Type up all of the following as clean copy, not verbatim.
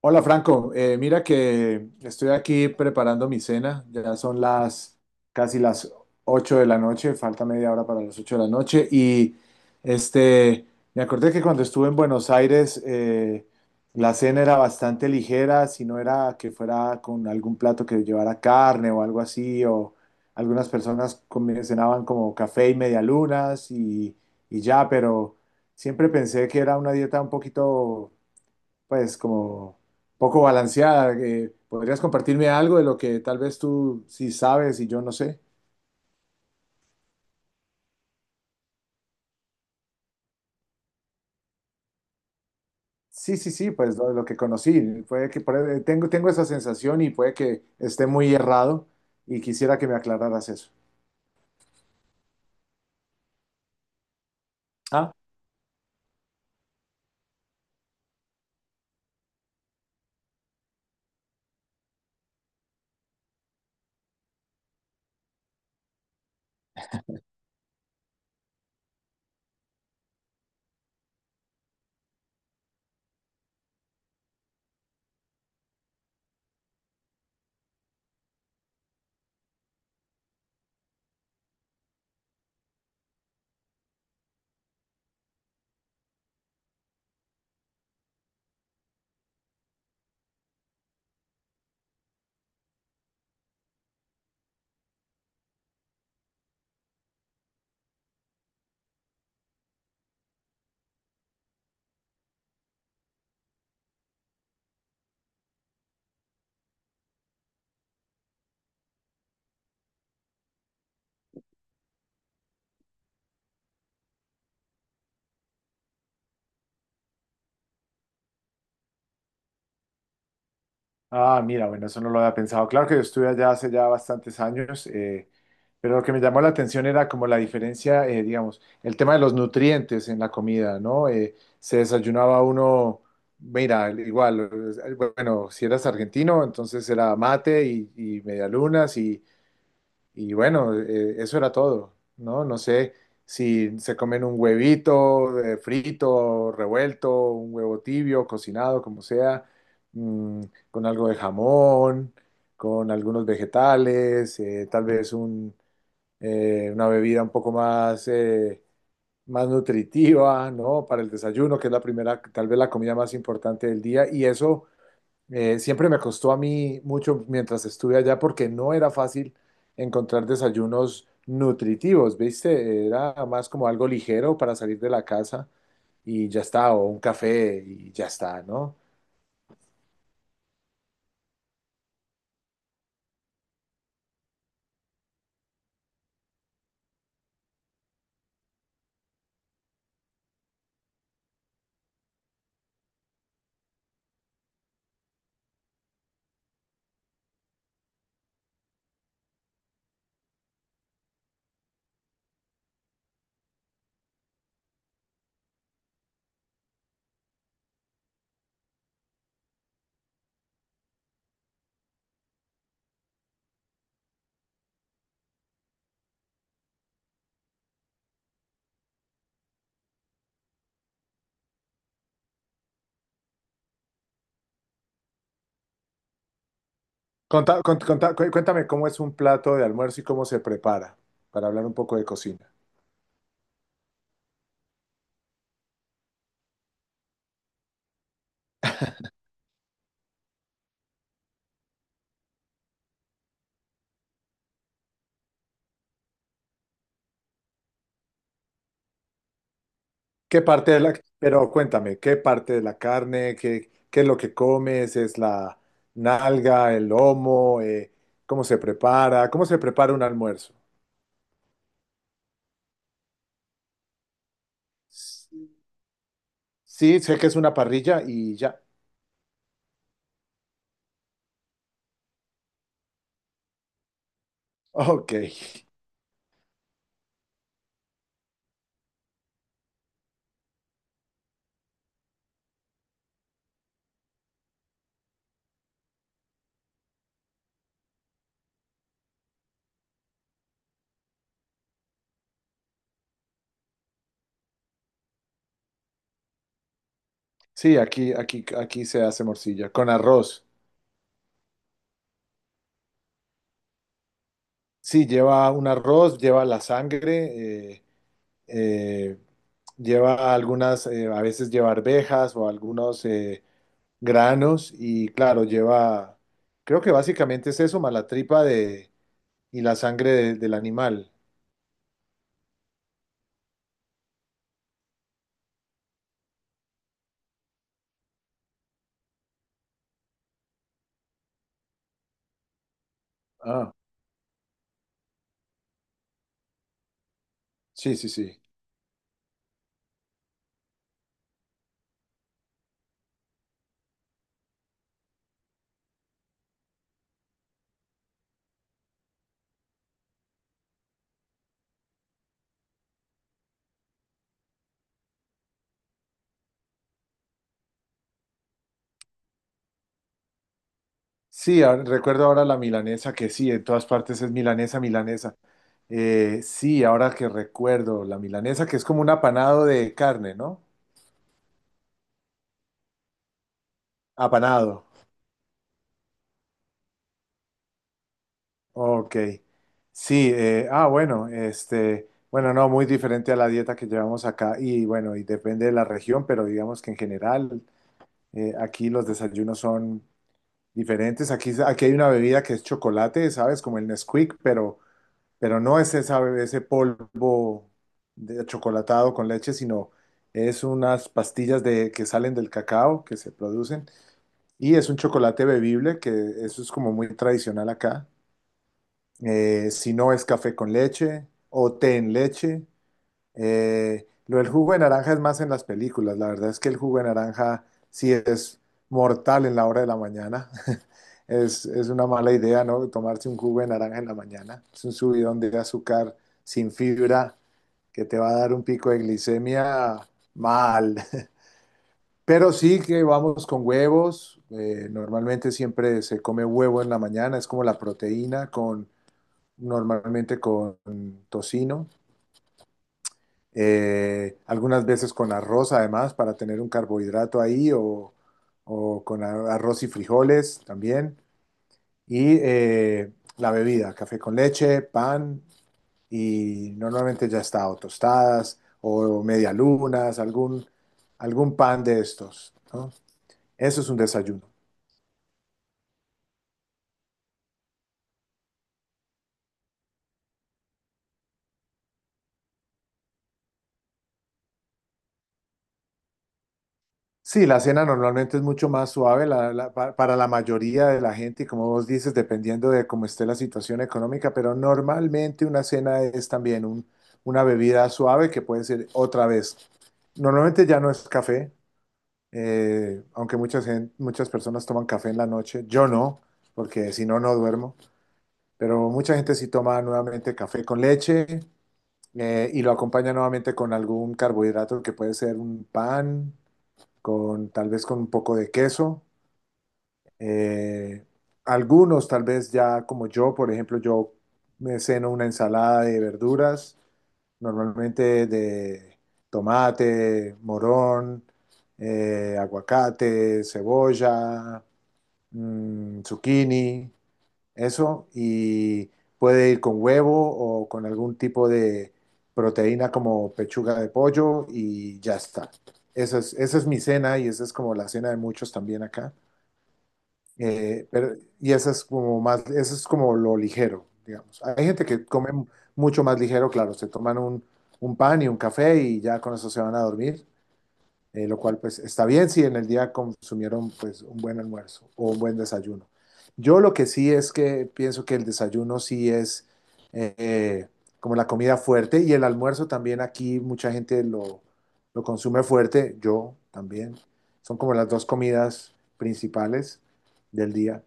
Hola, Franco. Mira que estoy aquí preparando mi cena, ya son las casi las 8 de la noche, falta media hora para las 8 de la noche y este, me acordé que cuando estuve en Buenos Aires, la cena era bastante ligera, si no era que fuera con algún plato que llevara carne o algo así, o algunas personas cenaban como café y medialunas y ya, pero siempre pensé que era una dieta un poquito, pues, como poco balanceada. ¿Que podrías compartirme algo de lo que tal vez tú sí sabes y yo no sé? Sí, sí, sí, pues lo que conocí. Puede que tengo esa sensación y puede que esté muy errado, y quisiera que me aclararas eso. Ah. Ah, mira, bueno, eso no lo había pensado. Claro que yo estuve allá hace ya bastantes años, pero lo que me llamó la atención era como la diferencia, digamos, el tema de los nutrientes en la comida, ¿no? Se desayunaba uno, mira, igual, bueno, si eras argentino, entonces era mate y medialunas y bueno, eso era todo, ¿no? No sé si se comen un huevito, frito, revuelto, un huevo tibio, cocinado, como sea, mm, con algo de jamón, con algunos vegetales, tal vez una bebida un poco más, más nutritiva, ¿no? Para el desayuno, que es la primera, tal vez la comida más importante del día. Y eso, siempre me costó a mí mucho mientras estuve allá, porque no era fácil encontrar desayunos nutritivos, ¿viste? Era más como algo ligero para salir de la casa y ya está, o un café y ya está, ¿no? Cuéntame cómo es un plato de almuerzo y cómo se prepara, para hablar un poco de cocina. ¿Qué parte de la, Pero cuéntame, ¿qué parte de la carne, qué es lo que comes? ¿Es la nalga, el lomo? Cómo se prepara un almuerzo? Sí, sé que es una parrilla y ya. Ok. Sí, aquí se hace morcilla con arroz. Sí, lleva un arroz, lleva la sangre, eh, lleva algunas, a veces lleva arvejas o algunos, granos, y claro, lleva, creo que básicamente es eso, más la tripa de, y la sangre del animal. Ah, sí, sí, sí. Sí, recuerdo ahora la milanesa, que sí, en todas partes es milanesa, milanesa. Sí, ahora que recuerdo, la milanesa, que es como un apanado de carne, ¿no? Apanado. Ok. Sí, ah, bueno, bueno, no, muy diferente a la dieta que llevamos acá, y bueno, y depende de la región, pero digamos que, en general, aquí los desayunos son diferentes. Aquí hay una bebida que es chocolate, ¿sabes? Como el Nesquik, pero no es ese polvo de chocolatado con leche, sino es unas pastillas de, que salen del cacao, que se producen, y es un chocolate bebible, que eso es como muy tradicional acá. Si no es café con leche o té en leche, lo del jugo de naranja es más en las películas. La verdad es que el jugo de naranja sí es mortal en la hora de la mañana. Es una mala idea, ¿no? Tomarse un jugo de naranja en la mañana. Es un subidón de azúcar sin fibra, que te va a dar un pico de glicemia mal. Pero sí que vamos con huevos. Normalmente siempre se come huevo en la mañana. Es como la proteína con, normalmente con tocino. Algunas veces con arroz, además, para tener un carbohidrato ahí, o con arroz y frijoles también. Y, la bebida, café con leche, pan, y normalmente ya está, o tostadas o medialunas, algún pan de estos, ¿no? Eso es un desayuno. Sí, la cena normalmente es mucho más suave, para la mayoría de la gente, y, como vos dices, dependiendo de cómo esté la situación económica, pero normalmente una cena es también una bebida suave, que puede ser otra vez. Normalmente ya no es café, aunque muchas personas toman café en la noche, yo no, porque si no, no duermo, pero mucha gente sí toma nuevamente café con leche, y lo acompaña nuevamente con algún carbohidrato, que puede ser un pan con, tal vez, con un poco de queso. Eh, algunos tal vez, ya, como yo, por ejemplo, yo me ceno una ensalada de verduras, normalmente de tomate, morón, aguacate, cebolla, zucchini, eso, y puede ir con huevo o con algún tipo de proteína, como pechuga de pollo, y ya está. Esa es mi cena, y esa es como la cena de muchos también acá. Pero, y esa es como más, eso es como lo ligero, digamos. Hay gente que come mucho más ligero, claro, se toman un pan y un café, y ya con eso se van a dormir, lo cual, pues, está bien si en el día consumieron, pues, un buen almuerzo o un buen desayuno. Yo, lo que sí es que pienso que el desayuno sí es, eh, como la comida fuerte, y el almuerzo también aquí mucha gente lo consume fuerte, yo también. Son como las dos comidas principales del día,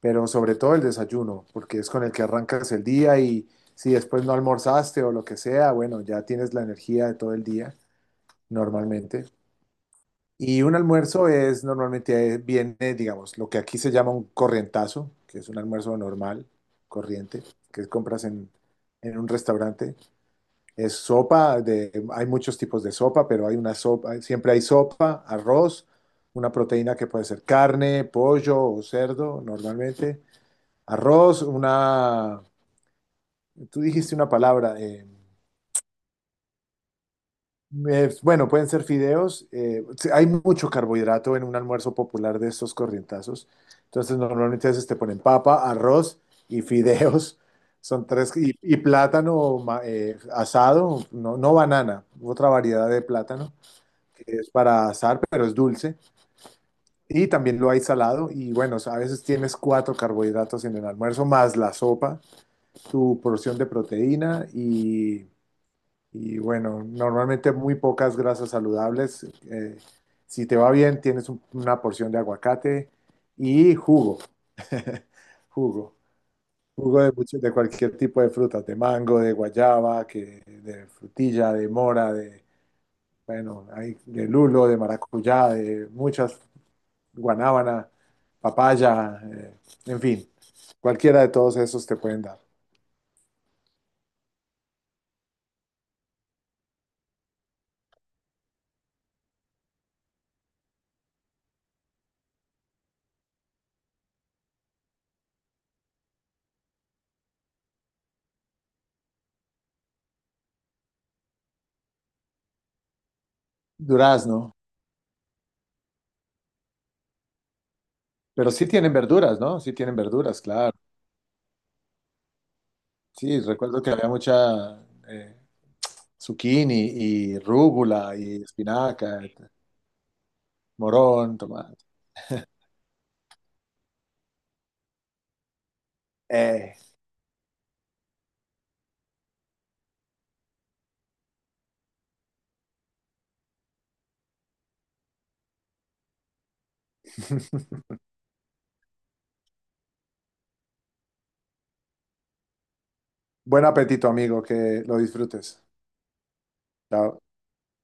pero sobre todo el desayuno, porque es con el que arrancas el día, y si después no almorzaste o lo que sea, bueno, ya tienes la energía de todo el día normalmente. Y un almuerzo es normalmente, viene, digamos, lo que aquí se llama un corrientazo, que es un almuerzo normal, corriente, que compras en un restaurante. Es sopa, hay muchos tipos de sopa, pero hay una sopa, siempre hay sopa, arroz, una proteína que puede ser carne, pollo o cerdo, normalmente. Arroz, una, tú dijiste una palabra, Bueno, pueden ser fideos. Sí, hay mucho carbohidrato en un almuerzo popular de estos corrientazos. Entonces, normalmente, a veces te ponen papa, arroz y fideos. Son tres. Y plátano, asado, no, no banana, otra variedad de plátano que es para asar, pero es dulce. Y también lo hay salado. Y bueno, a veces tienes cuatro carbohidratos en el almuerzo, más la sopa, tu porción de proteína, y bueno, normalmente muy pocas grasas saludables. Si te va bien, tienes una porción de aguacate y jugo. Jugo. Jugo de cualquier tipo de frutas, de mango, de guayaba, que, de frutilla, de mora, de, bueno, hay de lulo, de maracuyá, de muchas, guanábana, papaya, en fin, cualquiera de todos esos te pueden dar. Durazno. Pero sí tienen verduras, ¿no? Sí tienen verduras, claro. Sí, recuerdo que había mucha, eh, zucchini y rúgula y espinaca, morón, tomate. Eh. Buen apetito, amigo, que lo disfrutes. Chao.